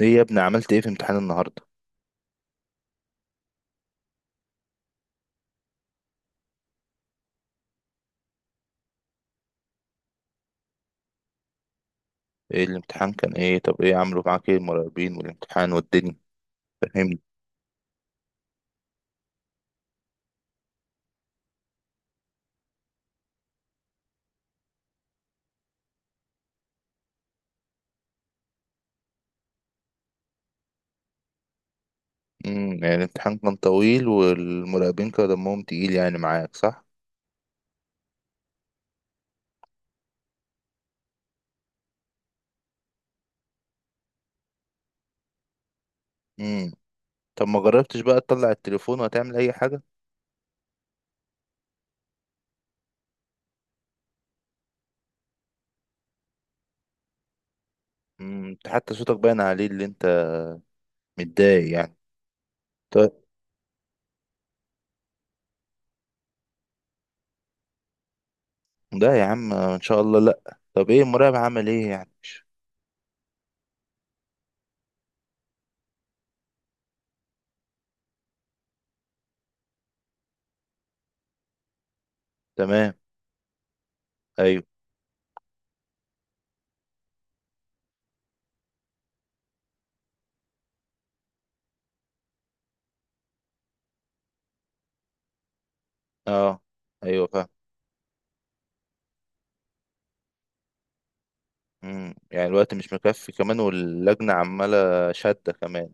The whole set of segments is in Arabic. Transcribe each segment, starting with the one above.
ايه يا ابني؟ عملت ايه في امتحان النهارده؟ ايه الامتحان كان ايه؟ طب ايه عملوا معاك؟ ايه المراقبين والامتحان والدنيا؟ فهمني. يعني الامتحان كان طويل والمراقبين كانوا دمهم تقيل، يعني معاك، صح؟ امم طب ما جربتش بقى تطلع التليفون وتعمل اي حاجه؟ انت حتى صوتك باين عليه اللي انت متضايق يعني. طب. لا يا عم، ان شاء الله لا. طب ايه المراقب عمل ايه يعني. تمام. ايوه. اه. ايوه فاهم. يعني الوقت مش مكفي كمان، واللجنه عماله شاده كمان.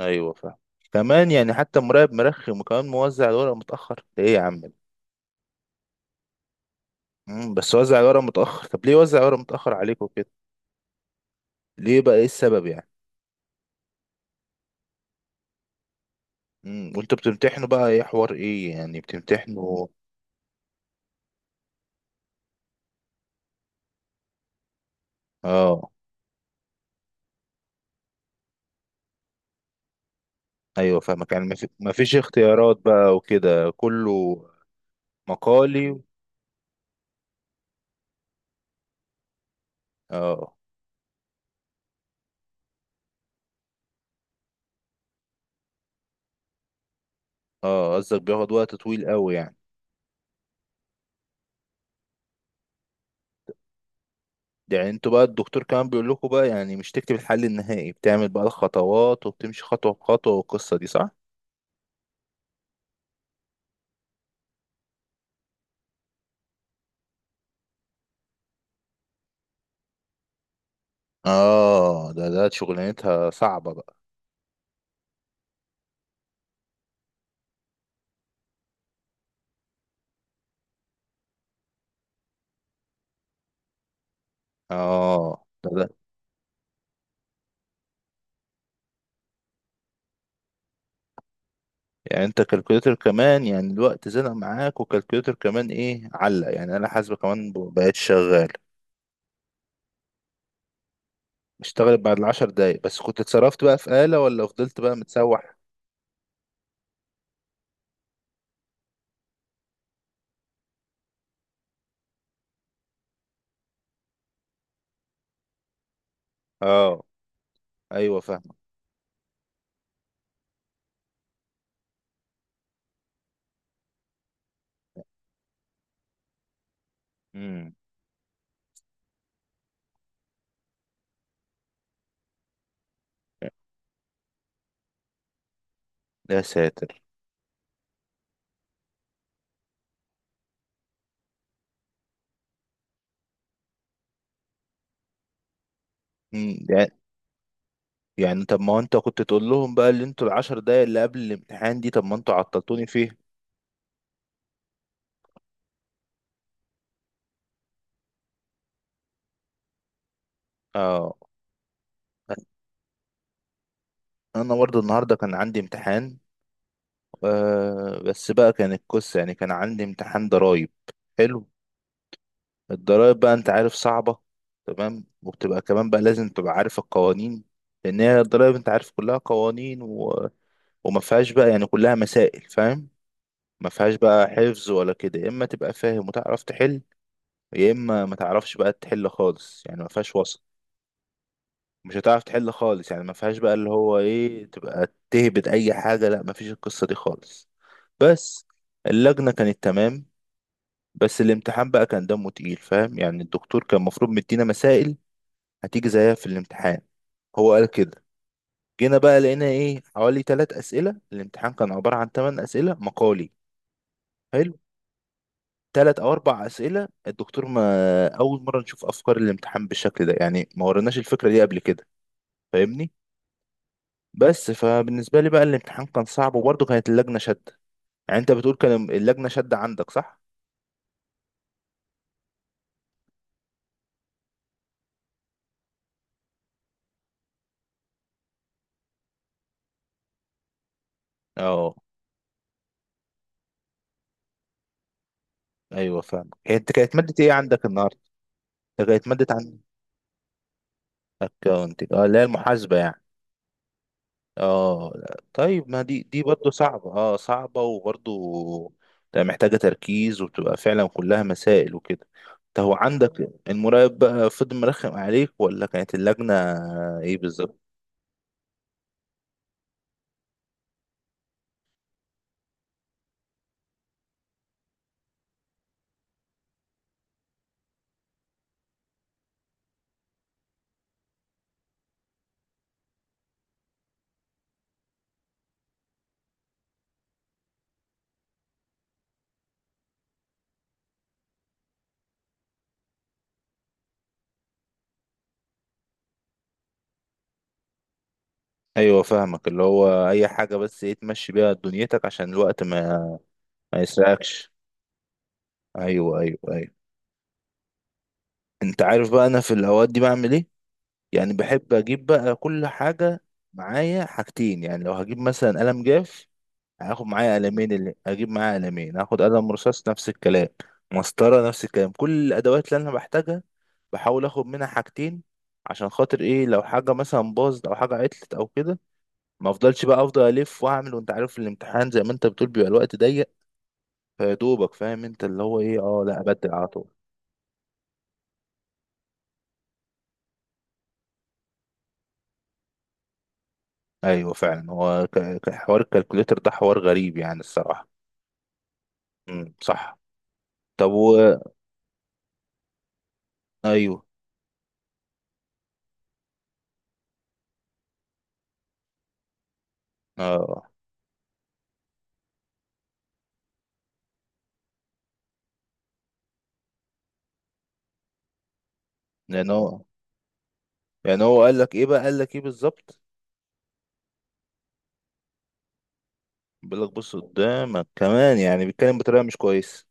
ايوه فاهم. كمان يعني حتى مراقب مرخم، وكمان موزع الورق متأخر؟ ده ايه يا عم؟ بس وزع الورق متأخر. طب ليه وزع الورق متأخر عليكم كده؟ ليه بقى؟ ايه السبب يعني؟ وانتوا بتمتحنوا بقى ايه حوار، ايه يعني بتمتحنوا؟ اه. ايوه فاهمك. يعني مفيش اختيارات بقى، وكده كله مقالي. اه. اه، قصدك بياخد وقت طويل قوي يعني؟ يعني انتوا بقى الدكتور كمان بيقول لكم بقى، يعني مش تكتب الحل النهائي، بتعمل بقى الخطوات وبتمشي خطوة بخطوة، والقصة دي صح؟ اه، ده شغلانتها صعبة بقى. اه، ده. يعني انت كالكوليتر كمان، يعني الوقت زنق معاك، وكالكوليتر كمان ايه علق؟ يعني انا حاسبة كمان بقيت شغال. اشتغلت بعد العشر دقايق؟ بس كنت اتصرفت بقى في آلة، ولا فضلت بقى متسوح؟ اه. ايوه فاهم. امم. يا ساتر. امم يعني يعني طب ما هو انت كنت تقول لهم بقى، اللي انتوا العشر دقايق اللي قبل الامتحان دي، طب ما انتوا عطلتوني فيها. اه. انا برضه النهارده كان عندي امتحان. بس بقى كان القصة، يعني كان عندي امتحان ضرايب. حلو. الضرايب بقى، انت عارف، صعبة. تمام. وبتبقى كمان بقى لازم تبقى عارف القوانين. لأن هي الضرايب، انت عارف، كلها قوانين وما فيهاش بقى يعني، كلها مسائل، فاهم؟ ما فيهاش بقى حفظ ولا كده، يا اما تبقى فاهم وتعرف تحل، يا اما ما تعرفش بقى تحل خالص. يعني ما فيهاش وسط. مش هتعرف تحل خالص. يعني ما فيهاش بقى اللي هو ايه، تبقى تهبد اي حاجة. لا، ما فيش القصة دي خالص. بس. اللجنة كانت تمام. بس الامتحان بقى كان دمه تقيل، فاهم؟ يعني الدكتور كان المفروض مدينا مسائل هتيجي زيها في الامتحان. هو قال كده. جينا بقى لقينا ايه، حوالي ثلاث اسئله. الامتحان كان عباره عن ثمان اسئله مقالي. حلو. ثلاث او اربع اسئله الدكتور ما اول مره نشوف افكار الامتحان بالشكل ده، يعني ما وريناش الفكره دي قبل كده. فاهمني؟ بس فبالنسبه لي بقى الامتحان كان صعب، وبرضه كانت اللجنه شاده. يعني انت بتقول كان اللجنه شاده عندك، صح؟ اه. ايوه فاهم. هي انت كانت ماده ايه عندك النهارده؟ انت كانت ماده عندك؟ اكونتنج، اه، اللي هي المحاسبة يعني. اه، لا. طيب ما دي برضه صعبة، اه، صعبة وبرضه. لا، محتاجة تركيز، وبتبقى فعلا كلها مسائل وكده. انت هو عندك المراقب بقى فضل مرخم عليك، ولا كانت اللجنة؟ ايه بالظبط؟ ايوه فاهمك. اللي هو اي حاجة بس ايه تمشي بيها دنيتك، عشان الوقت ما ما يسرقكش. ايوه، ايوه، ايوه. انت عارف بقى انا في الاوقات دي بعمل ايه؟ يعني بحب اجيب بقى كل حاجة معايا حاجتين. يعني لو هجيب مثلا قلم جاف، هاخد معايا قلمين. اللي اجيب معايا قلمين، هاخد قلم رصاص نفس الكلام. مسطرة نفس الكلام. كل الادوات اللي انا بحتاجها، بحاول اخد منها حاجتين. عشان خاطر ايه؟ لو حاجة مثلا باظت او حاجة عطلت او كده، ما افضلش بقى افضل الف واعمل. وانت عارف الامتحان زي ما انت بتقول بيبقى الوقت ضيق، فيا دوبك فاهم انت اللي هو ايه، اه لا، ابدل على طول. ايوه فعلا، هو حوار الكالكوليتر ده حوار غريب يعني الصراحة. امم، صح. طب. ايوه. اه. يعني هو يعني هو قال لك ايه بقى، قال لك ايه بالظبط؟ بيقول لك بص قدامك، كمان يعني بيتكلم بطريقة مش كويس.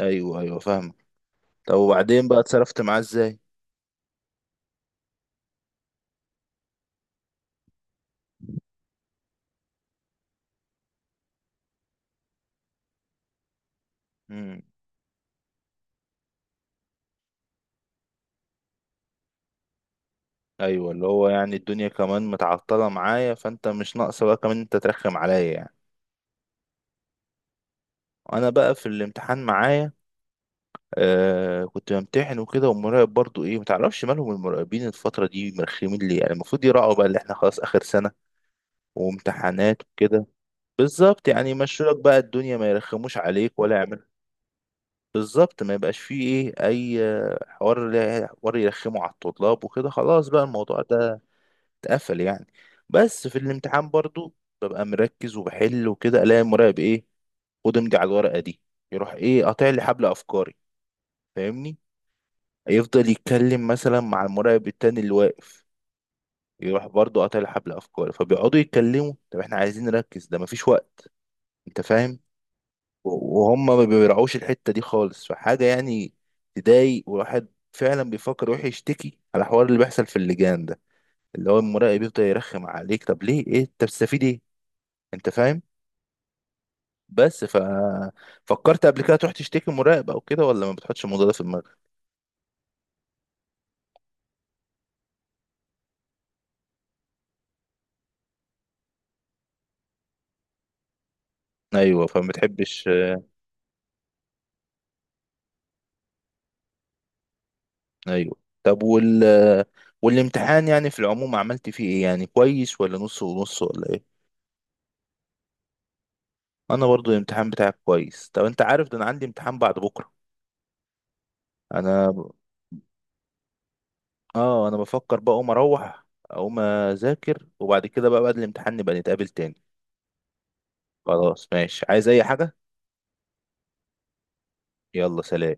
ايوه، ايوه فاهمك. طب وبعدين بقى اتصرفت معاه ازاي؟ امم. ايوه، اللي هو يعني الدنيا كمان متعطلة معايا، فانت مش ناقصة بقى كمان انت ترخم عليا يعني. انا بقى في الامتحان معايا كنت بمتحن وكده، والمراقب برضو ايه، متعرفش مالهم المراقبين الفترة دي مرخمين ليه. يعني المفروض يراعوا بقى اللي احنا خلاص اخر سنة وامتحانات وكده. بالظبط، يعني يمشوا لك بقى الدنيا، ما يرخموش عليك ولا يعملوا. بالظبط، ما يبقاش فيه ايه اي حوار حوار يرخمه على الطلاب وكده، خلاص بقى الموضوع ده اتقفل يعني. بس في الامتحان برضو ببقى مركز وبحل وكده، الاقي المراقب ايه، خد امضي على الورقه دي، يروح ايه قاطع لي حبل افكاري، فاهمني؟ يفضل يتكلم مثلا مع المراقب التاني اللي واقف، يروح برضو قاطع لي حبل افكاري، فبيقعدوا يتكلموا. طب احنا عايزين نركز، ده مفيش وقت، انت فاهم؟ وهم ما بيراعوش الحتة دي خالص، فحاجة يعني تضايق. والواحد فعلا بيفكر يروح يشتكي على الحوار اللي بيحصل في اللجان ده، اللي هو المراقب يفضل يرخم عليك، طب ليه؟ ايه انت بتستفيد ايه؟ انت فاهم؟ بس فكرت قبل كده تروح تشتكي مراقب او كده، ولا ما بتحطش الموضوع ده في دماغك؟ ايوه، فما بتحبش. ايوه. طب والامتحان يعني في العموم عملت فيه ايه، يعني كويس ولا نص ونص ولا ايه؟ انا برضو الامتحان بتاعك كويس. طب انت عارف ده انا عندي امتحان بعد بكره. انا، اه، انا بفكر بقى اقوم اروح اقوم اذاكر، وبعد كده بقى بعد الامتحان نبقى نتقابل تاني. خلاص ماشي، عايز اي حاجة؟ يلا، سلام.